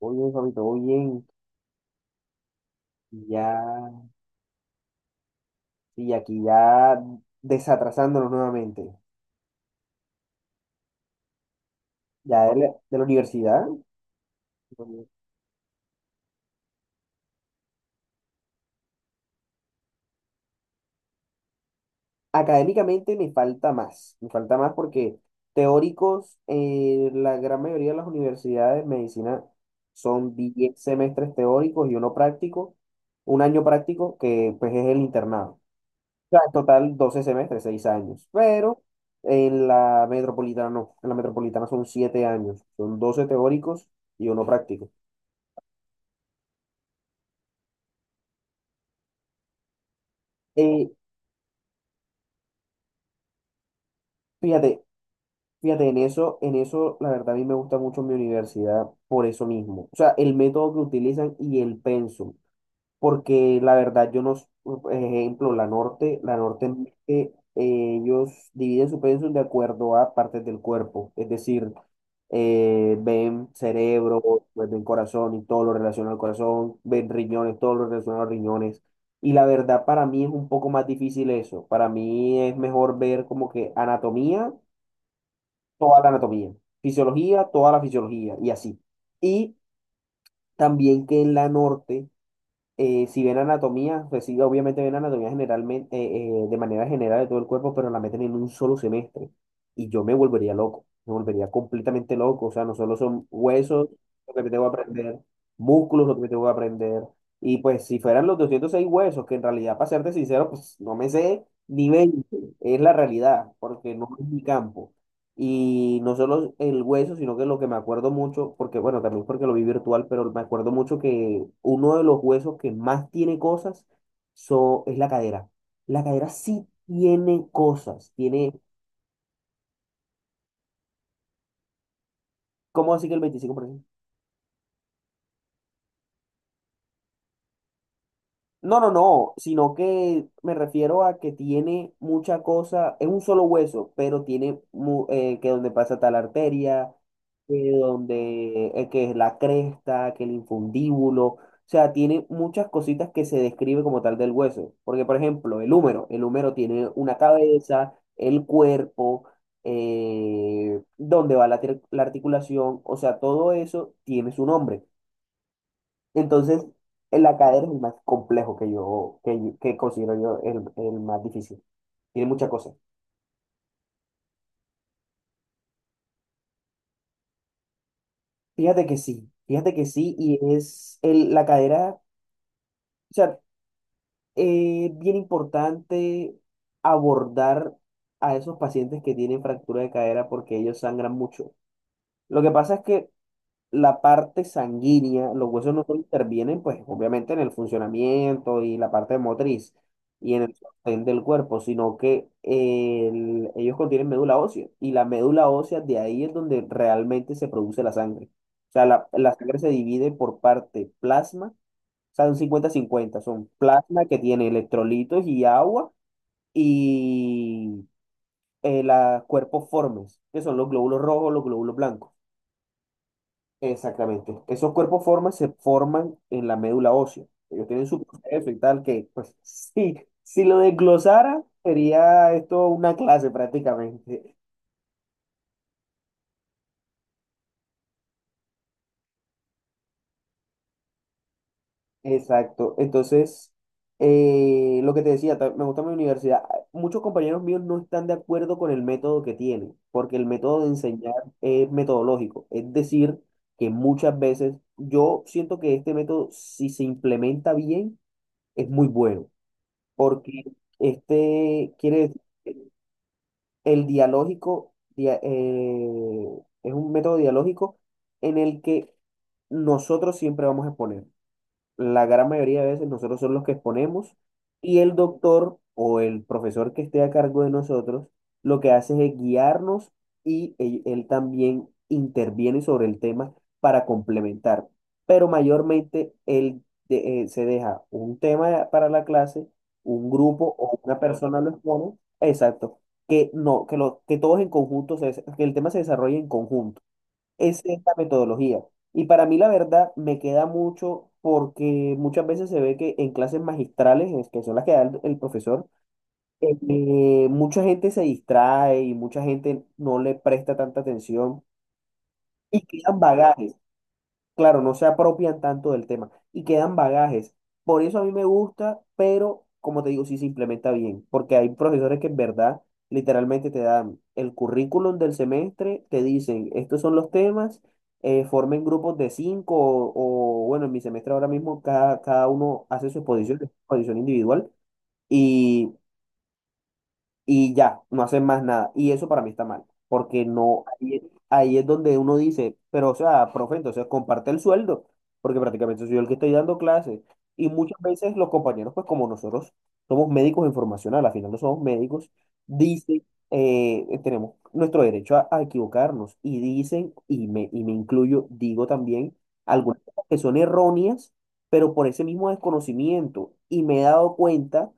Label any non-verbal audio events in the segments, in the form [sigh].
Muy bien, Fabito, muy bien. Y Ya, sí, y aquí ya desatrasándonos nuevamente. Ya de la, de la universidad, Académicamente me falta más. Me falta más porque teóricos, la gran mayoría de las universidades de medicina son 10 semestres teóricos y uno práctico, un año práctico que pues es el internado. Sea, en total 12 semestres, 6 años. Pero en la metropolitana no. En la metropolitana son 7 años. Son 12 teóricos y uno práctico. Eh, fíjate, fíjate, en eso, la verdad, a mí me gusta mucho mi universidad por eso mismo. O sea, el método que utilizan y el pensum. Porque la verdad yo no, s- por ejemplo, la norte, ellos dividen su pensum de acuerdo a partes del cuerpo, es decir, ven cerebro, pues, ven corazón y todo lo relacionado al corazón, ven riñones, todo lo relacionado a los riñones. Y la verdad para mí es un poco más difícil eso, para mí es mejor ver como que anatomía, toda la anatomía, fisiología, toda la fisiología y así. Y también que en la norte si ven anatomía, pues sí, obviamente ven anatomía generalmente, de manera general de todo el cuerpo, pero la meten en un solo semestre. Y yo me volvería loco, me volvería completamente loco. O sea, no solo son huesos lo que me tengo que aprender, músculos lo que me tengo que aprender. Y pues si fueran los 206 huesos, que en realidad, para serte sincero, pues no me sé ni 20, es la realidad, porque no es mi campo. Y no solo el hueso, sino que lo que me acuerdo mucho, porque bueno, también porque lo vi virtual, pero me acuerdo mucho que uno de los huesos que más tiene cosas so, es la cadera. La cadera sí tiene cosas, tiene, ¿cómo así que el 25%? No, no, no, sino que me refiero a que tiene mucha cosa, es un solo hueso, pero tiene que donde pasa tal arteria, que donde que es la cresta, que el infundíbulo, o sea, tiene muchas cositas que se describe como tal del hueso, porque por ejemplo, el húmero tiene una cabeza, el cuerpo, donde va la articulación, o sea, todo eso tiene su nombre. Entonces, el ACADER es el más complejo que considero yo el más difícil. Tiene muchas cosas. Fíjate que sí, y es la cadera, o sea, es bien importante abordar a esos pacientes que tienen fractura de cadera porque ellos sangran mucho. Lo que pasa es que la parte sanguínea, los huesos no solo intervienen, pues obviamente en el funcionamiento y la parte motriz y en el sostén del cuerpo, sino que ellos contienen médula ósea y la médula ósea de ahí es donde realmente se produce la sangre. O sea, la sangre se divide por parte plasma, o sea, un cincuenta-cincuenta son plasma que tiene electrolitos y agua y los cuerpos formes, que son los glóbulos rojos, los glóbulos blancos. Exactamente. Esos cuerpos formas se forman en la médula ósea. Ellos tienen su proceso y tal, que pues [laughs] sí, si lo desglosara, sería esto una clase prácticamente. Exacto. Entonces, lo que te decía, me gusta mi universidad. Muchos compañeros míos no están de acuerdo con el método que tienen, porque el método de enseñar es metodológico. Es decir, que muchas veces yo siento que este método, si se implementa bien, es muy bueno. Porque este quiere decir que es un método dialógico en el que nosotros siempre vamos a exponer, la gran mayoría de veces nosotros somos los que exponemos, y el doctor o el profesor que esté a cargo de nosotros lo que hace es guiarnos y él también interviene sobre el tema para complementar. Pero mayormente él se deja un tema para la clase, un grupo o una persona lo expone, exacto, que no, que, lo, que todos en conjunto, que el tema se desarrolle en conjunto. Esa es la metodología. Y para mí, la verdad, me queda mucho porque muchas veces se ve que en clases magistrales, es que son las que da el profesor, mucha gente se distrae y mucha gente no le presta tanta atención y quedan bagajes, claro, no se apropian tanto del tema y quedan bagajes. Por eso a mí me gusta, pero como te digo, sí se implementa bien, porque hay profesores que en verdad literalmente te dan el currículum del semestre, te dicen, estos son los temas, formen grupos de cinco, o bueno, en mi semestre ahora mismo cada uno hace su exposición, exposición individual y ya, no hacen más nada. Y eso para mí está mal, porque no, ahí es donde uno dice, pero o sea, profe, entonces comparte el sueldo, porque prácticamente soy yo el que estoy dando clases. Y muchas veces los compañeros, pues como nosotros somos médicos en formación, al final no somos médicos, dicen, tenemos nuestro derecho a equivocarnos y dicen, y me incluyo, digo también, algunas cosas que son erróneas, pero por ese mismo desconocimiento. Y me he dado cuenta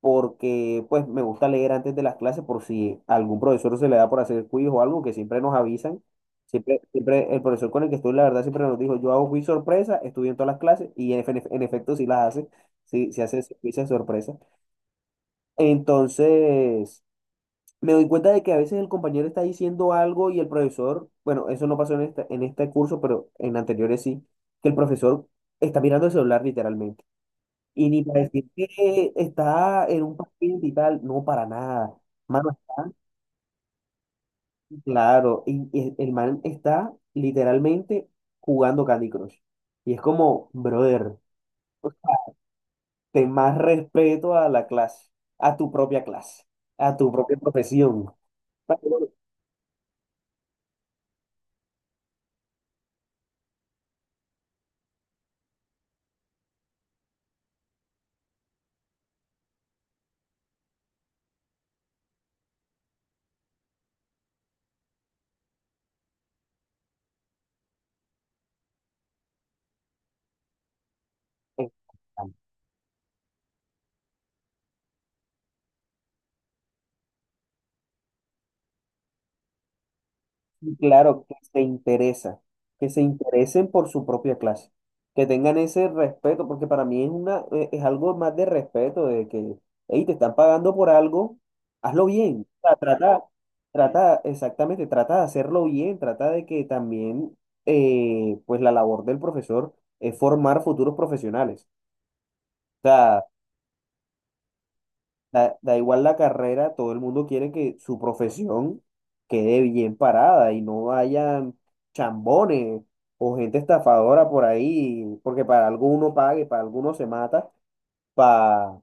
porque pues me gusta leer antes de las clases por si a algún profesor se le da por hacer quiz o algo que siempre nos avisan. Siempre, siempre el profesor con el que estoy, la verdad, siempre nos dijo, yo hago quiz sorpresa, estudio en todas las clases y en efecto sí las hace, sí, sí hace quiz de sorpresa. Entonces, me doy cuenta de que a veces el compañero está diciendo algo y el profesor, bueno, eso no pasó en en este curso, pero en anteriores sí, que el profesor está mirando el celular literalmente. Y ni para decir que está en un partido y tal, no, para nada. Mano, está, claro, y el man está literalmente jugando Candy Crush. Y es como, brother, ten más respeto a la clase, a tu propia clase, a tu propia profesión. Claro, que se interesa, que se interesen por su propia clase, que tengan ese respeto, porque para mí es es algo más de respeto, de que, hey, te están pagando por algo, hazlo bien, o sea, exactamente, trata de hacerlo bien, trata de que también, pues la labor del profesor es formar futuros profesionales. O sea. Da, da igual la carrera, todo el mundo quiere que su profesión quede bien parada y no hayan chambones o gente estafadora por ahí, porque para alguno pague, para alguno se mata, para...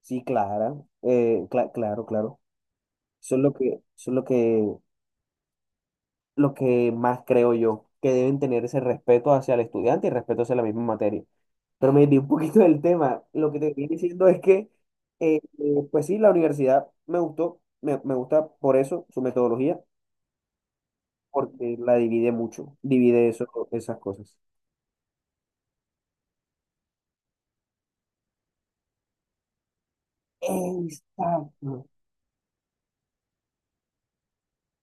Sí, Clara, claro, claro. Eso es es lo que, lo que más creo yo, que deben tener ese respeto hacia el estudiante y respeto hacia la misma materia. Pero me di un poquito del tema. Lo que te estoy diciendo es que, pues sí, la universidad me gusta por eso, su metodología, porque la divide mucho, divide eso, esas cosas. Exacto.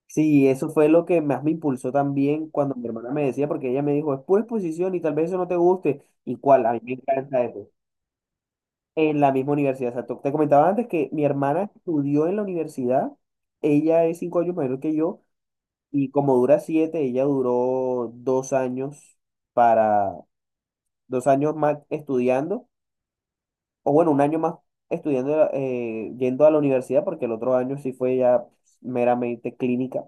Sí, eso fue lo que más me impulsó también cuando mi hermana me decía, porque ella me dijo, es pura exposición y tal vez eso no te guste. ¿Y cuál? A mí me encanta eso. En la misma universidad. Exacto. Te comentaba antes que mi hermana estudió en la universidad, ella es 5 años mayor que yo. Y como dura siete, ella duró para, dos años más estudiando, o bueno, un año más estudiando, yendo a la universidad, porque el otro año sí fue ya meramente clínica.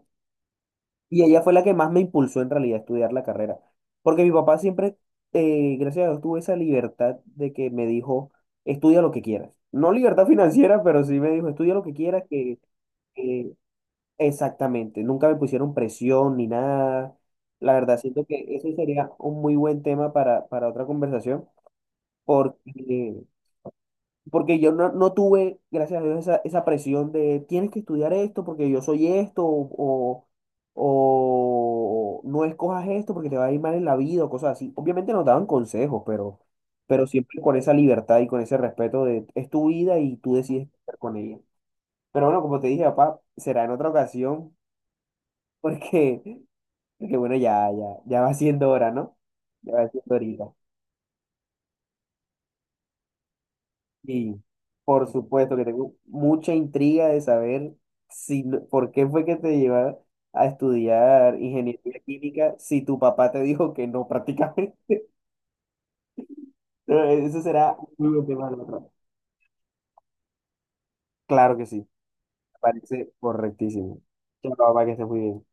Y ella fue la que más me impulsó en realidad a estudiar la carrera, porque mi papá siempre, gracias a Dios, tuvo esa libertad de que me dijo, estudia lo que quieras. No libertad [laughs] financiera, pero sí me dijo, estudia lo que quieras, que, exactamente, nunca me pusieron presión ni nada. La verdad, siento que eso sería un muy buen tema para otra conversación, porque, porque yo no tuve, gracias a Dios, esa presión de tienes que estudiar esto porque yo soy esto, o no escojas esto porque te va a ir mal en la vida, o cosas así. Obviamente nos daban consejos, pero siempre con esa libertad y con ese respeto de es tu vida y tú decides qué hacer con ella. Pero bueno, como te dije, papá, será en otra ocasión, [laughs] porque. Porque bueno, ya va siendo hora, ¿no? Ya va siendo horita. Y por supuesto que tengo mucha intriga de saber si, por qué fue que te llevaron a estudiar ingeniería química si tu papá te dijo que no prácticamente. [laughs] Eso será un muy buen tema de la otra. Claro que sí, me parece correctísimo. Chao, papá, que estés muy bien.